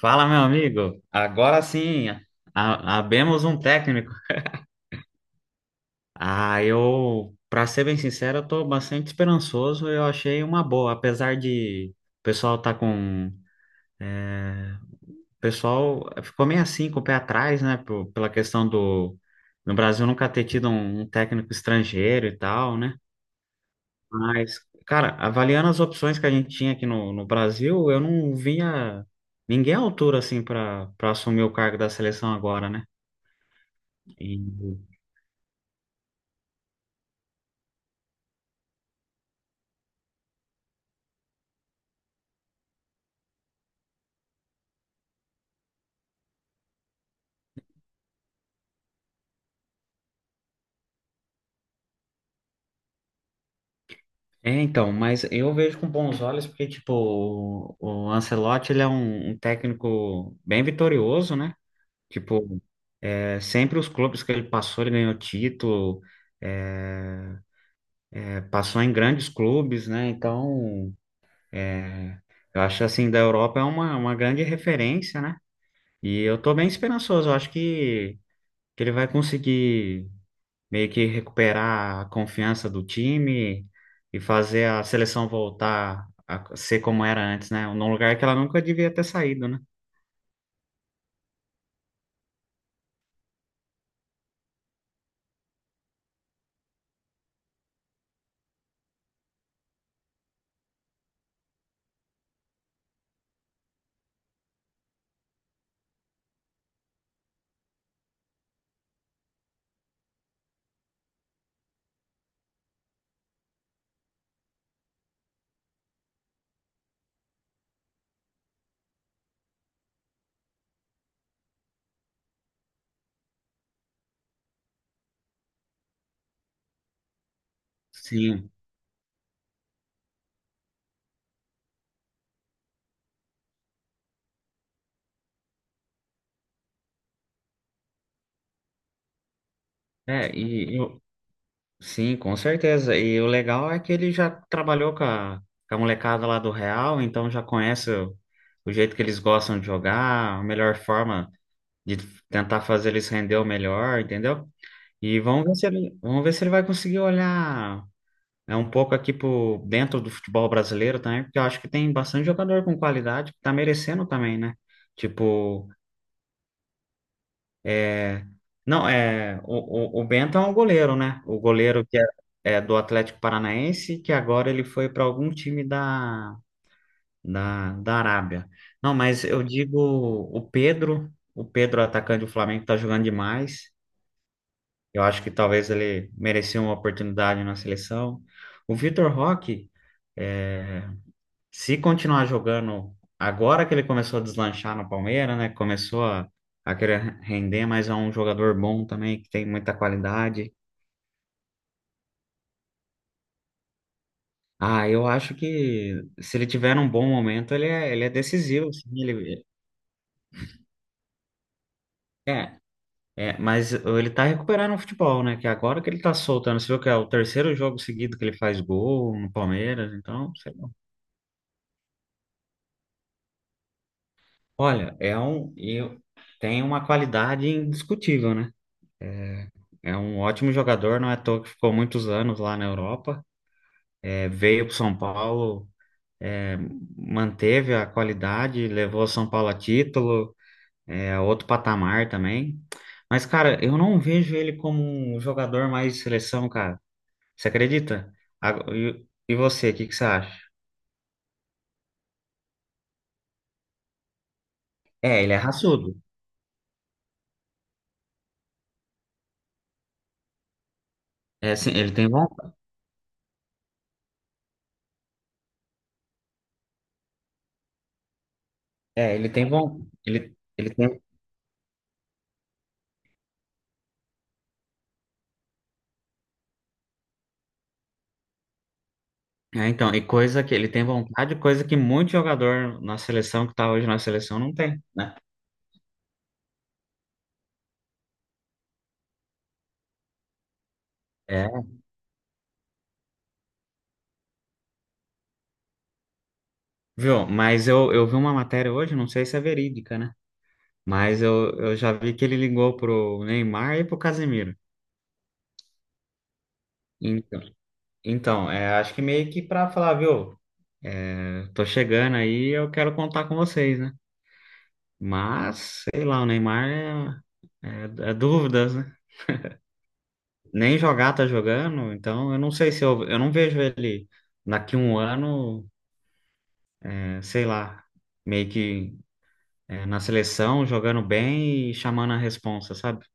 Fala, meu amigo. Agora sim, abemos um técnico. Para ser bem sincero, eu tô bastante esperançoso. Eu achei uma boa, apesar de o pessoal ficou meio assim com o pé atrás, né, pela questão do no Brasil nunca ter tido um técnico estrangeiro e tal, né? Mas, cara, avaliando as opções que a gente tinha aqui no Brasil, eu não vinha ninguém à altura assim para assumir o cargo da seleção agora, né? E É, então, mas eu vejo com bons olhos porque, tipo, o Ancelotti, ele é um técnico bem vitorioso, né? Tipo, sempre os clubes que ele passou, ele ganhou título, é, passou em grandes clubes, né? Então, é, eu acho assim, da Europa é uma grande referência, né? E eu tô bem esperançoso, eu acho que ele vai conseguir meio que recuperar a confiança do time e fazer a seleção voltar a ser como era antes, né? Num lugar que ela nunca devia ter saído, né? Sim, é, e eu, sim, com certeza. E o legal é que ele já trabalhou com a molecada lá do Real, então já conhece o jeito que eles gostam de jogar, a melhor forma de tentar fazer eles render o melhor, entendeu? E vamos ver se ele, vamos ver se ele vai conseguir olhar é um pouco aqui por dentro do futebol brasileiro também, porque eu acho que tem bastante jogador com qualidade que tá merecendo também, né? Tipo, é... não, o Bento é um goleiro, né? O goleiro que é, é do Atlético Paranaense, que agora ele foi para algum time da Arábia. Não, mas eu digo o Pedro, atacante do Flamengo, tá jogando demais. Eu acho que talvez ele merecia uma oportunidade na seleção. O Vitor Roque. é, Se continuar jogando agora que ele começou a deslanchar no Palmeiras, né? Começou a querer render, mas é um jogador bom também, que tem muita qualidade. Ah, eu acho que se ele tiver um bom momento, ele é decisivo. Assim, é, é, mas ele tá recuperando o futebol, né? Que agora que ele tá soltando, você viu que é o terceiro jogo seguido que ele faz gol no Palmeiras, então, sei lá. Olha, tem uma qualidade indiscutível, né? É um ótimo jogador, não é à toa que ficou muitos anos lá na Europa. É, veio para São Paulo, é, manteve a qualidade, levou São Paulo a título, a outro patamar também. Mas, cara, eu não vejo ele como um jogador mais de seleção, cara. Você acredita? E você, o que que você acha? É, ele é raçudo. É, sim, ele tem bom. É, ele tem bom. Ele tem. É, então, e coisa que ele tem vontade, coisa que muito jogador na seleção que tá hoje na seleção não tem, né? É, viu? Eu vi uma matéria hoje, não sei se é verídica, né? Eu já vi que ele ligou pro Neymar e pro Casemiro. Então, então é, acho que meio que pra falar, viu? É, tô chegando aí, eu quero contar com vocês, né? Mas, sei lá, o Neymar é, é dúvidas, né? Nem jogar tá jogando, então eu não sei se eu, eu não vejo ele daqui um ano, sei lá, meio que na seleção, jogando bem e chamando a responsa, sabe?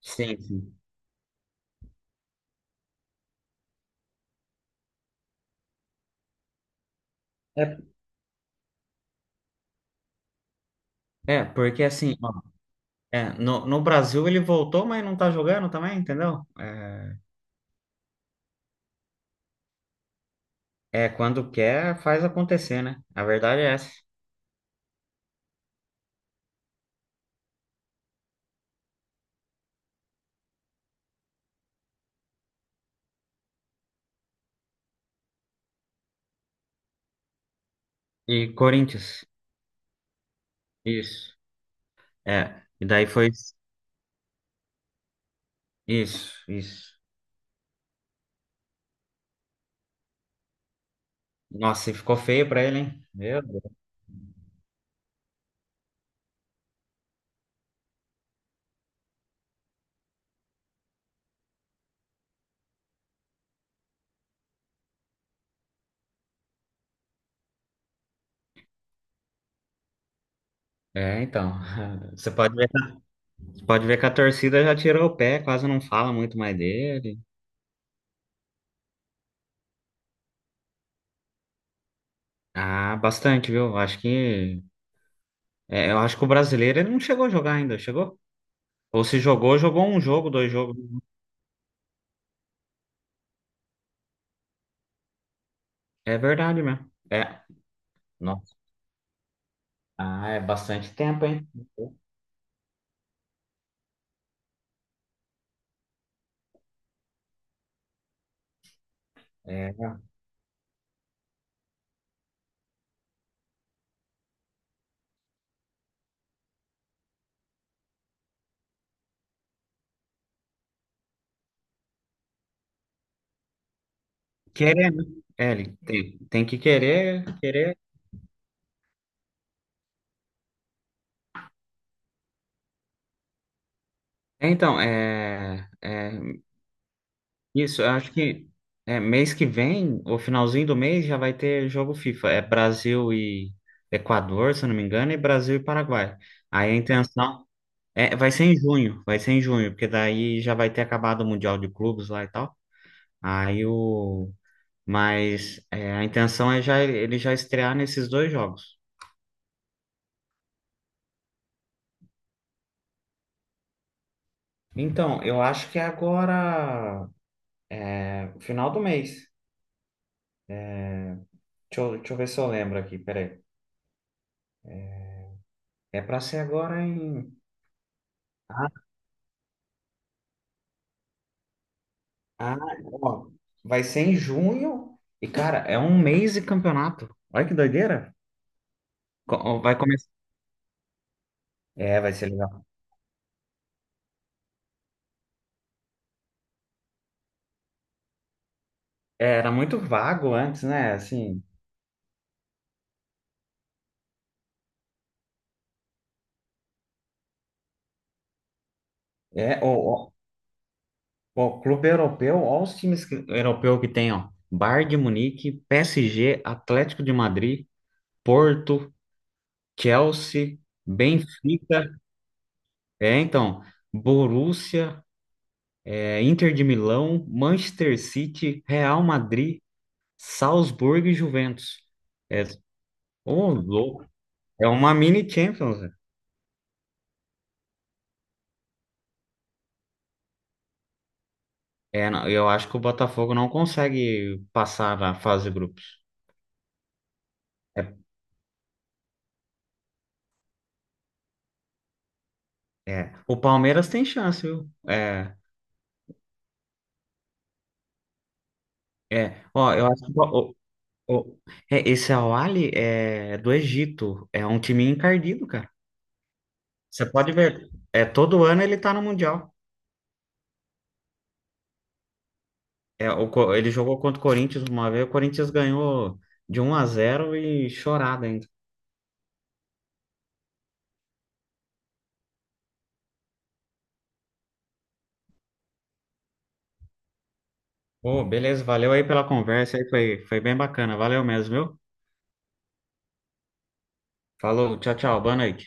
Sim, sim. É, porque assim, ó, no Brasil ele voltou, mas não tá jogando também, entendeu? Quando quer, faz acontecer, né? A verdade é essa. E Corinthians, isso. É, e daí foi isso, isso. Nossa, e ficou feio pra ele, hein? Meu Deus. É, então, você pode ver que a torcida já tirou o pé, quase não fala muito mais dele. Ah, bastante, viu? Acho eu acho que o brasileiro ele não chegou a jogar ainda, chegou? Ou se jogou, jogou um jogo, dois jogos. É verdade mesmo. É. Nossa. Ah, é bastante tempo, hein? É. Querer, né? É, tem que querer, querer. Então isso, eu acho que mês que vem, o finalzinho do mês, já vai ter jogo FIFA. É Brasil e Equador, se eu não me engano, e Brasil e Paraguai. Aí a intenção vai ser em junho, vai ser em junho, porque daí já vai ter acabado o Mundial de Clubes lá e tal. Aí o, Mas é, a intenção é já ele já estrear nesses dois jogos. Então, eu acho que é agora, final do mês. Deixa eu ver se eu lembro aqui, peraí. É para ser agora em. Ah, ah, ó, vai ser em junho. E, cara, é um mês de campeonato. Olha que doideira. Ó, vai começar. É, vai ser legal. É, era muito vago antes, né? Assim, é, o, o clube europeu, olha os times europeu que tem, ó. Bayern de Munique, PSG, Atlético de Madrid. Porto, Chelsea, Benfica, é então, Borussia, Inter de Milão, Manchester City, Real Madrid, Salzburgo e Juventus. É, ô, louco. É uma mini Champions, né? É, não, eu acho que o Botafogo não consegue passar na fase de grupos. É, O Palmeiras tem chance, viu? Ó, eu acho que o- é, esse Al-Ahly é do Egito. É um time encardido, cara. Você pode ver, é todo ano ele tá no Mundial. É, ele jogou contra o Corinthians uma vez, o Corinthians ganhou de 1 a 0 e chorada ainda. Pô, beleza, valeu aí pela conversa, aí foi, foi bem bacana. Valeu mesmo, viu? Falou, tchau, tchau, boa noite.